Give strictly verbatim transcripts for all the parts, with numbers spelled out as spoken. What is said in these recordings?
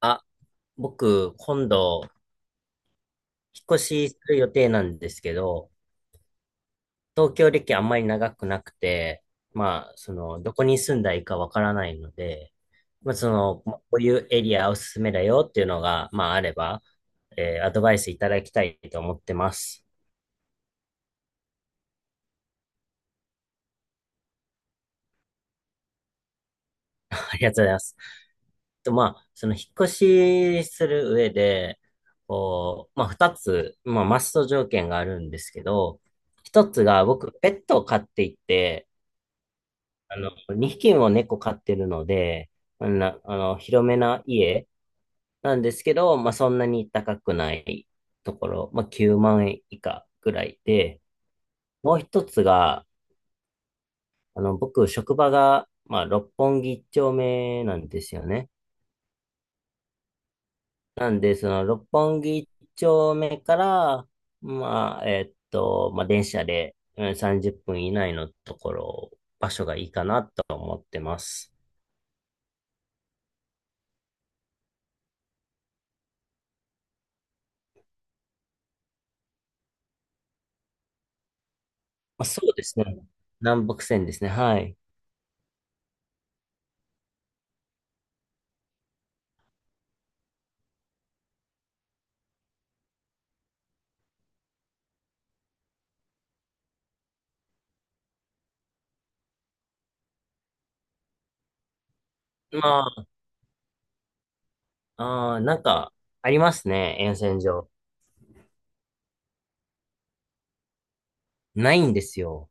あ、僕、今度、引っ越しする予定なんですけど、東京歴あんまり長くなくて、まあ、その、どこに住んだらいいかわからないので、まあ、その、まあこういうエリアおすすめだよっていうのが、まあ、あれば、えーアドバイスいただきたいと思ってます。ありがとうございます。と、まあ、その、引っ越しする上で、こう、まあ、二つ、まあ、マスト条件があるんですけど、一つが、僕、ペットを飼っていて、あの、にひきも猫飼ってるので、あんな、あの、広めな家なんですけど、まあ、そんなに高くないところ、まあ、きゅうまん円以下ぐらいで、もう一つが、あの、僕、職場が、まあ、六本木一丁目なんですよね。なんで、その、六本木一丁目から、まあ、えっと、まあ、電車でうんさんじゅっぷん以内のところ、場所がいいかなと思ってます。まあ、そうですね。南北線ですね。はい。まあ、あー、なんか、ありますね、沿線上。ないんですよ。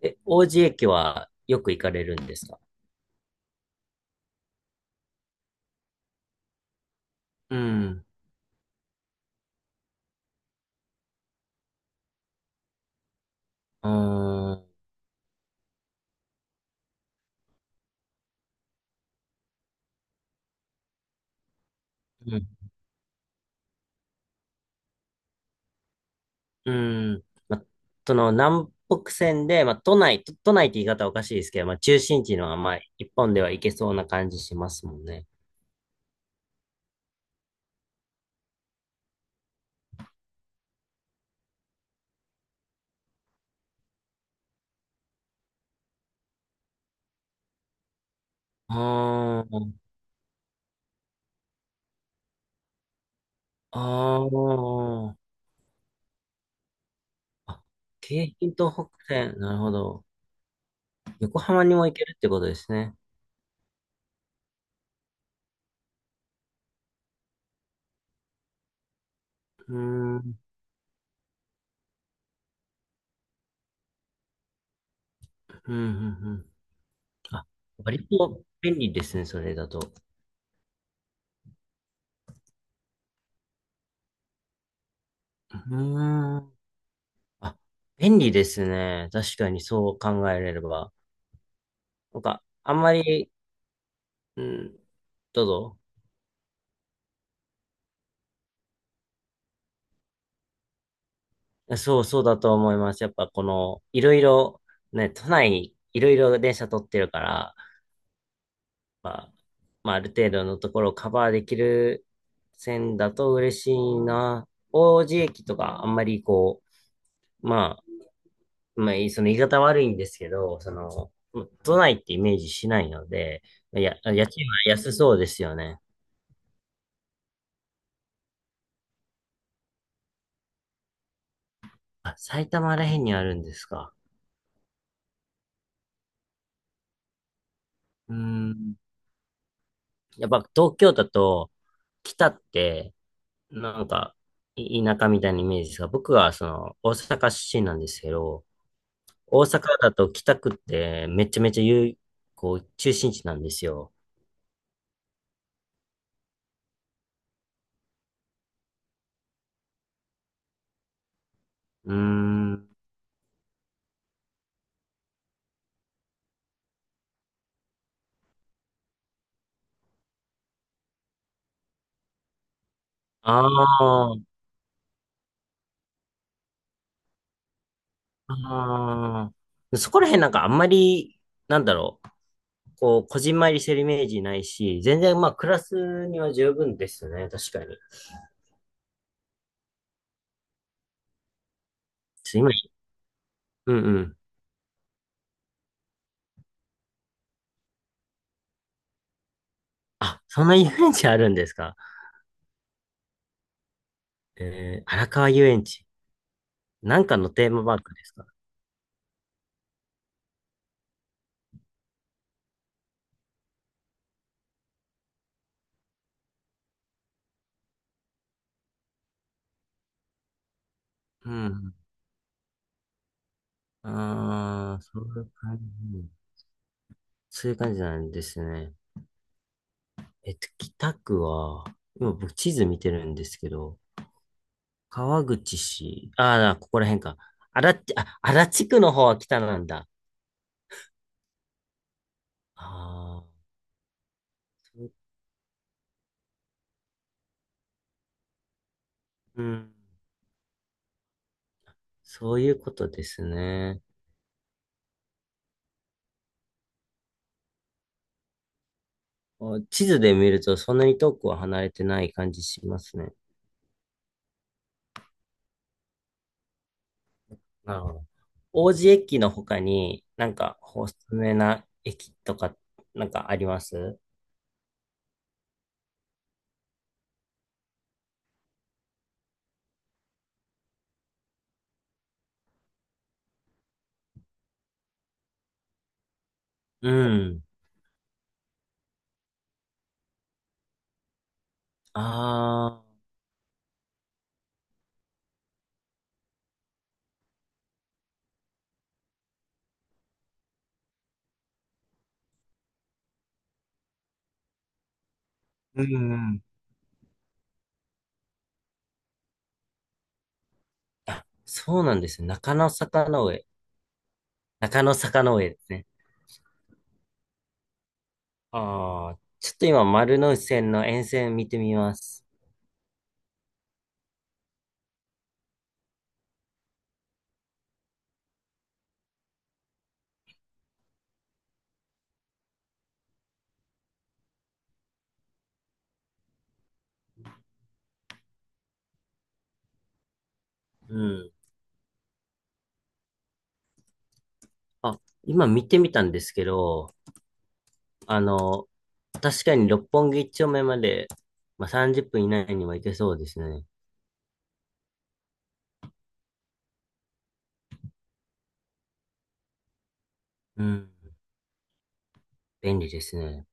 え、王子駅はよく行かれるんですか？うん。うーん。うん。うん。ま、その、南北線で、ま、都内、都都内って言い方はおかしいですけど、ま、中心地のは、まあ、一本では行けそうな感じしますもんね。あー、あー、あ、京浜東北線、なるほど。横浜にも行けるってことですね。うーん、うん、うん、うん。あ、割と便利ですね、それだと。うーん。あ、便利ですね。確かにそう考えれれば。なんか、あんまり、うん、どうぞ。そう、そうだと思います。やっぱこの、いろいろ、ね、都内、いろいろ電車取ってるから、まあ、まあ、ある程度のところをカバーできる線だと嬉しいな。王子駅とか、あんまりこう、まあ、まあ、いその言い方悪いんですけど、その、都内ってイメージしないので、いや、家賃は安そうですよね。あ、埼玉らへんにあるんですか。うーん。やっぱ東京だと、北って、なんか、い田舎みたいなイメージですが、僕はその、大阪出身なんですけど、大阪だと北区ってめちゃめちゃ有、こう、中心地なんですよ。うーん。ああ、ああ。そこら辺なんかあんまり、なんだろう。こう、こじんまりしてるイメージないし、全然まあ、クラスには十分ですね、確かに。ちょっと今、うんうん。あ、そんな遊園地あるんですか？えー、荒川遊園地。なんかのテーマパークですか？うん。ああ、そういう感じ。そういう感じなんですね。えっと、北区は、今僕地図見てるんですけど、川口市、ああ、ここら辺か。荒立あ、荒地区の方は北なんだ。ああ、そう、うん。そういうことですね。あ、地図で見るとそんなに遠くは離れてない感じしますね。なるほど。王子駅の他になんかおすすめな駅とかなんかあります？うん。ああ。うんうん。あ、そうなんですね。中野坂の上。中野坂の上ですね。ああ。ちょっと今丸ノ内線の沿線見てみます。うん。あ、今見てみたんですけど、あの、確かに六本木一丁目まで、まあ、さんじゅっぷん以内には行けそうですね。うん。便利ですね。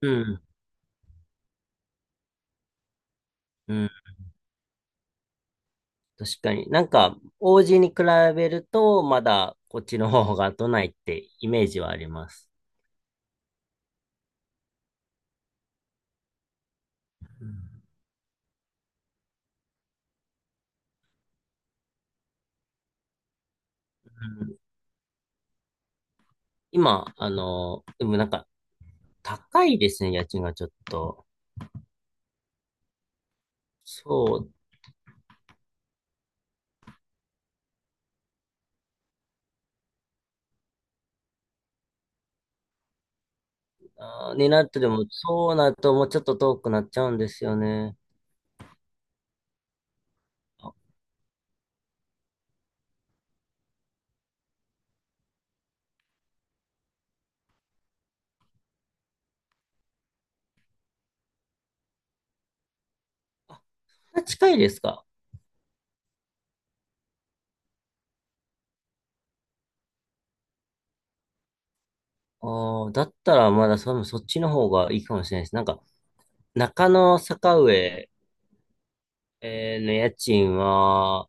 うん。うん。確かに。なんか、王子に比べると、まだこっちの方が都内ってイメージはあります。うんうん。今、あの、でもなんか、高いですね、家賃がちょっと。そう、あーになるとでも、そうなるともうちょっと遠くなっちゃうんですよね。あ、近いですか？ああー、だったらまだそ、そっちの方がいいかもしれないです。なんか、中野坂上、えーの家賃は、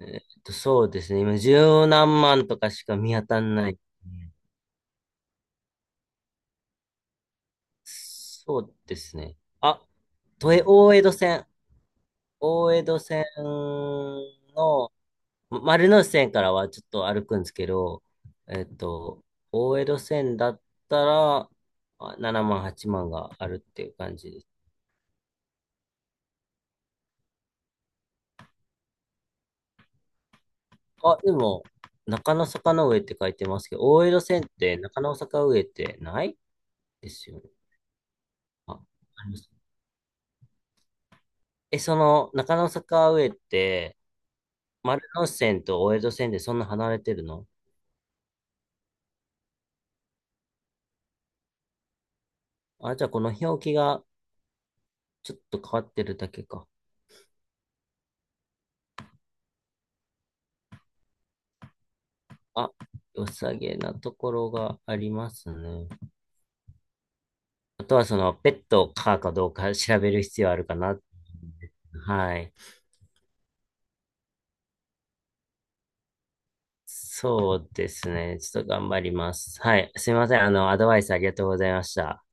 えーっと、そうですね。今、十何万とかしか見当たんない。そうですね。あ、都営、大江戸線。大江戸線の、ま丸ノ内線からはちょっと歩くんですけど、えっと、大江戸線だったら、あななまん、はちまんがあるっていう感じです。あ、でも、中野坂の上って書いてますけど、大江戸線って中野坂上ってないですよね。あ、あります。え、その、中野坂上って、丸ノ内線と大江戸線でそんな離れてるの？あ、じゃあこの表記がちょっと変わってるだけか。あ、良さげなところがありますね。あとはその、ペットを飼うかどうか調べる必要あるかな。はい。そうですね。ちょっと頑張ります。はい。すいません。あの、アドバイスありがとうございました。